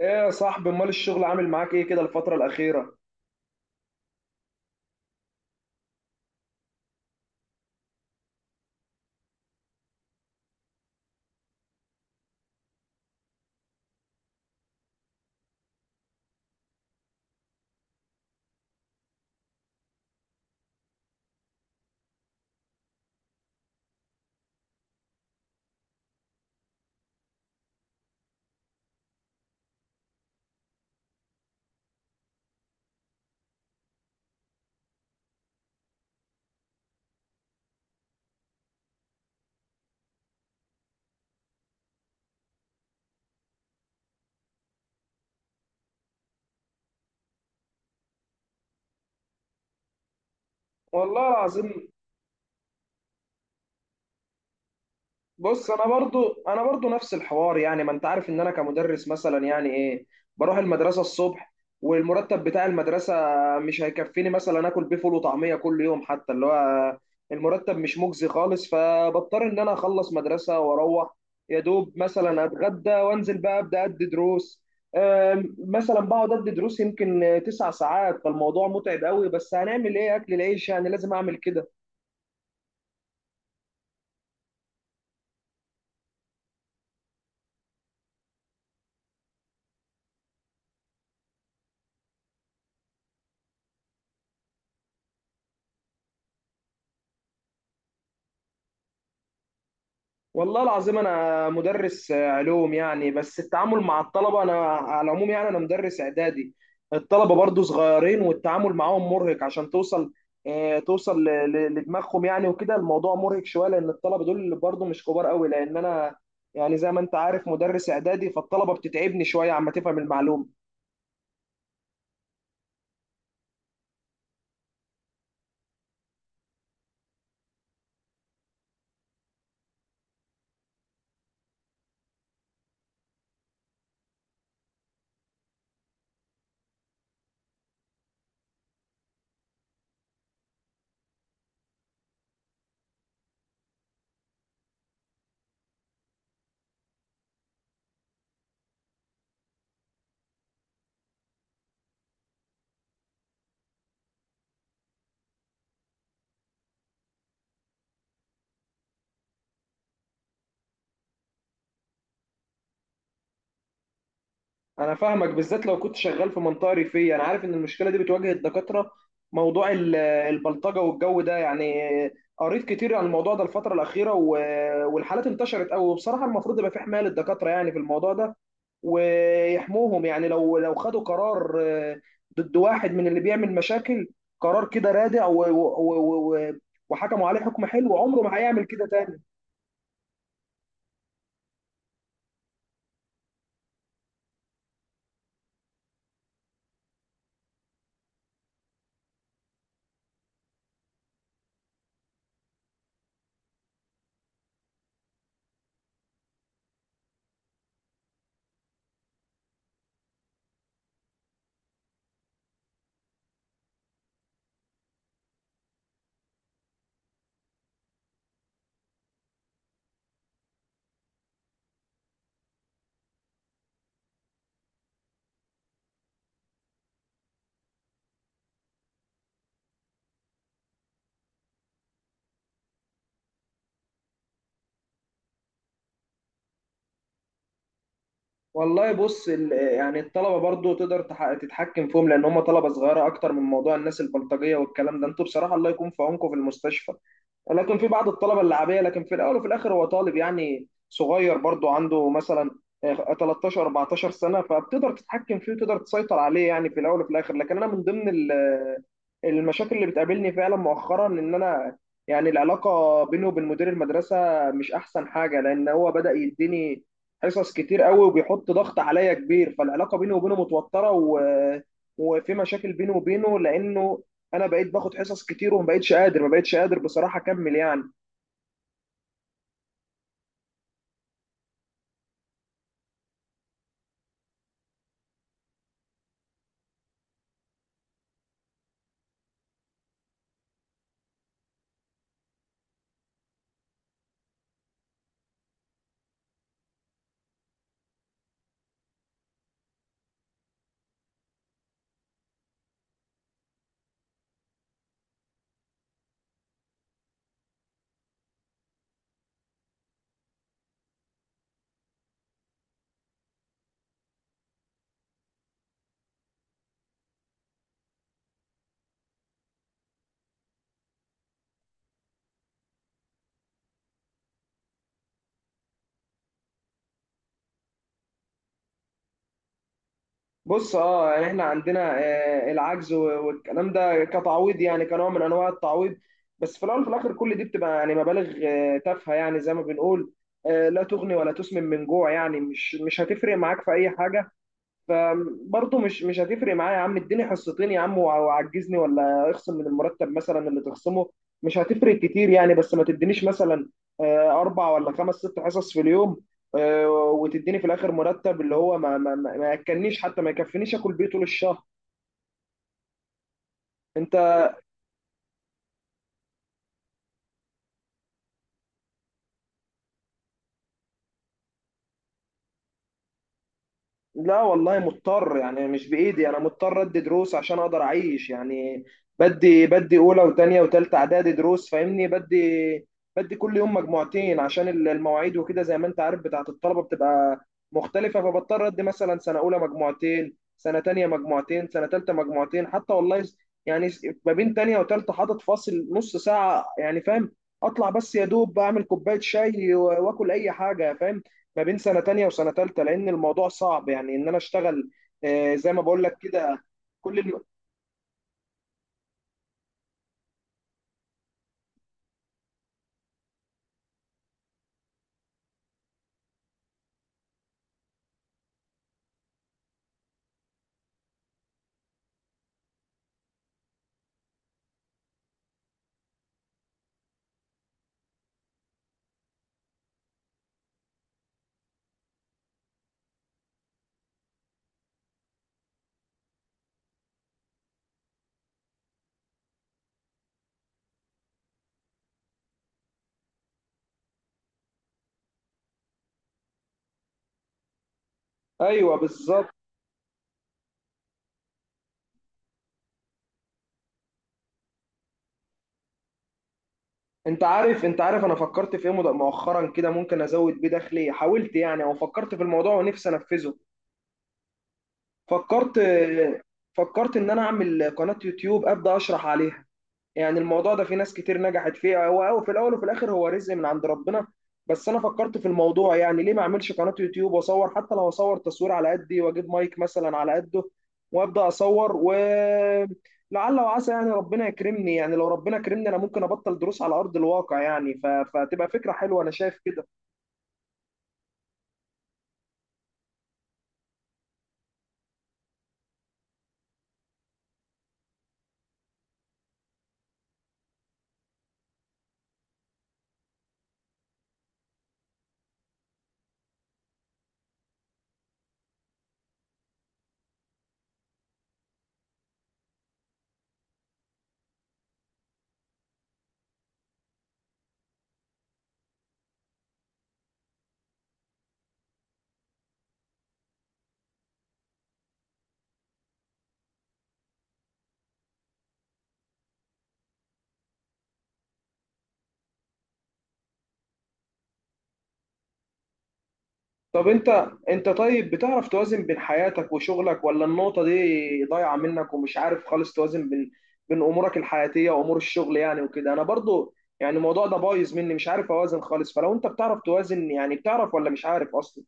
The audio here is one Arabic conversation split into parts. ايه يا صاحبي امال الشغل عامل معاك ايه كده الفترة الأخيرة؟ والله العظيم، بص انا برضو نفس الحوار، يعني ما انت عارف ان انا كمدرس مثلا، يعني ايه، بروح المدرسه الصبح، والمرتب بتاع المدرسه مش هيكفيني، مثلا اكل بيه فول وطعميه كل يوم، حتى اللي هو المرتب مش مجزي خالص. فبضطر ان انا اخلص مدرسه واروح، يا دوب مثلا اتغدى وانزل بقى ابدا ادي دروس. مثلا بقعد ادي دروس يمكن تسع ساعات، فالموضوع متعب قوي، بس هنعمل ايه، اكل العيش يعني لازم اعمل كده. والله العظيم انا مدرس علوم يعني، بس التعامل مع الطلبه، انا على العموم يعني انا مدرس اعدادي، الطلبه برضو صغيرين والتعامل معاهم مرهق عشان توصل. توصل لدماغهم يعني، وكده الموضوع مرهق شويه، لان الطلبه دول برضو مش كبار قوي، لان انا يعني زي ما انت عارف مدرس اعدادي، فالطلبه بتتعبني شويه عما تفهم المعلومه. انا فاهمك، بالذات لو كنت شغال في منطقه ريفيه، انا عارف ان المشكله دي بتواجه الدكاتره، موضوع البلطجه والجو ده يعني. قريت كتير عن الموضوع ده الفتره الاخيره، والحالات انتشرت قوي، وبصراحه المفروض يبقى في حمايه للدكاتره يعني في الموضوع ده، ويحموهم يعني، لو خدوا قرار، ضد واحد من اللي بيعمل مشاكل، قرار كده رادع و- و- وحكموا عليه حكم حلو، عمره ما هيعمل كده تاني. والله بص يعني الطلبه برضو تقدر تتحكم فيهم، لان هم طلبه صغيره، اكتر من موضوع الناس البلطجيه والكلام ده، انتوا بصراحه الله يكون في عونكم في المستشفى. لكن في بعض الطلبه اللعبيه، لكن في الاول وفي الاخر هو طالب يعني صغير، برضو عنده مثلا 13 14 سنه، فبتقدر تتحكم فيه وتقدر تسيطر عليه يعني في الاول وفي الاخر. لكن انا من ضمن المشاكل اللي بتقابلني فعلا مؤخرا ان انا يعني العلاقه بينه وبين مدير المدرسه مش احسن حاجه، لان هو بدا يديني حصص كتير قوي وبيحط ضغط عليا كبير، فالعلاقه بينه وبينه متوتره، و... وفي مشاكل بينه وبينه، لانه انا بقيت باخد حصص كتير، وما بقيتش قادر ما بقيتش قادر بصراحه اكمل يعني. بص اه يعني احنا عندنا العجز والكلام ده كتعويض، يعني كنوع من انواع التعويض. بس في الاول وفي الاخر كل دي بتبقى يعني مبالغ تافهه، يعني زي ما بنقول، لا تغني ولا تسمن من جوع، يعني مش هتفرق معاك في اي حاجه. فبرضه مش هتفرق معايا يا عم، اديني حصتين يا عم وعجزني، ولا اخصم من المرتب مثلا اللي تخصمه مش هتفرق كتير يعني. بس ما تدينيش مثلا اربع ولا خمس ست حصص في اليوم، وتديني في الاخر مرتب اللي هو ما ياكلنيش، حتى ما يكفينيش اكل بيه طول الشهر. انت، لا والله مضطر يعني، مش بإيدي، أنا مضطر أدي دروس عشان أقدر أعيش يعني. بدي أولى وتانية وتالتة إعدادي دروس، فاهمني، بدي كل يوم مجموعتين عشان المواعيد، وكده زي ما أنت عارف بتاعة الطلبة بتبقى مختلفة، فبضطر أدي مثلا سنة أولى مجموعتين، سنة تانية مجموعتين، سنة تالتة مجموعتين. حتى والله ما بين تانية وتالتة حاطط فاصل نص ساعة يعني، فاهم، أطلع بس يا دوب أعمل كوباية شاي وآكل أي حاجة، فاهم، ما بين سنة تانية وسنة تالتة، لأن الموضوع صعب يعني، إن أنا أشتغل زي ما بقول لك كده. كل الم... أيوه بالظبط. أنت عارف، أنا فكرت في إيه مؤخرا كده، ممكن أزود بيه دخلي، حاولت يعني أو فكرت في الموضوع ونفسي أنفذه. فكرت آه، فكرت إن أنا أعمل قناة يوتيوب أبدأ أشرح عليها. يعني الموضوع ده في ناس كتير نجحت فيه، هو في الاول وفي الاخر هو رزق من عند ربنا. بس انا فكرت في الموضوع، يعني ليه ما اعملش قناة يوتيوب واصور، حتى لو اصور تصوير على قدي واجيب مايك مثلا على قده، وابدا اصور، و لعل وعسى يعني ربنا يكرمني. يعني لو ربنا كرمني، انا ممكن ابطل دروس على ارض الواقع يعني، ف... فتبقى فكرة حلوة، انا شايف كده. طب انت، طيب بتعرف توازن بين حياتك وشغلك، ولا النقطة دي ضايعة منك ومش عارف خالص توازن بين امورك الحياتية وامور الشغل يعني وكده. انا برضو يعني الموضوع ده بايظ مني، مش عارف اوازن خالص. فلو انت بتعرف توازن، يعني بتعرف ولا مش عارف اصلا؟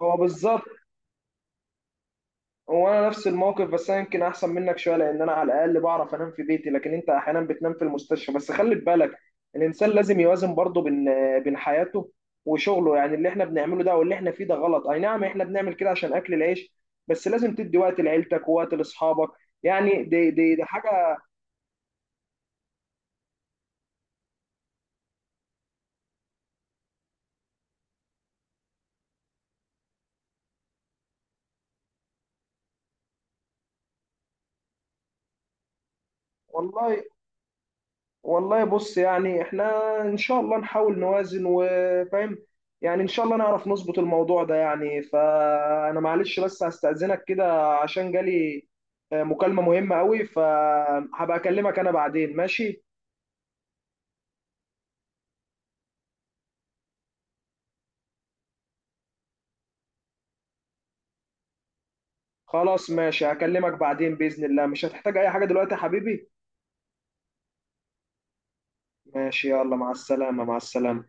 هو بالظبط، انا نفس الموقف، بس انا يمكن احسن منك شويه، لان انا على الاقل بعرف انام في بيتي، لكن انت احيانا بتنام في المستشفى. بس خلي بالك، الانسان لازم يوازن برضه بين حياته وشغله يعني. اللي احنا بنعمله ده واللي احنا فيه ده غلط، اي نعم احنا بنعمل كده عشان اكل العيش، بس لازم تدي وقت لعيلتك ووقت لاصحابك يعني. دي حاجه. والله والله، بص يعني احنا ان شاء الله نحاول نوازن، وفاهم يعني، ان شاء الله نعرف نظبط الموضوع ده يعني. فانا معلش بس هستأذنك كده، عشان جالي مكالمة مهمة قوي، فهبقى اكلمك انا بعدين، ماشي؟ خلاص ماشي، هكلمك بعدين بإذن الله، مش هتحتاج اي حاجة دلوقتي يا حبيبي. ماشي يلا، مع السلامة، مع السلامة.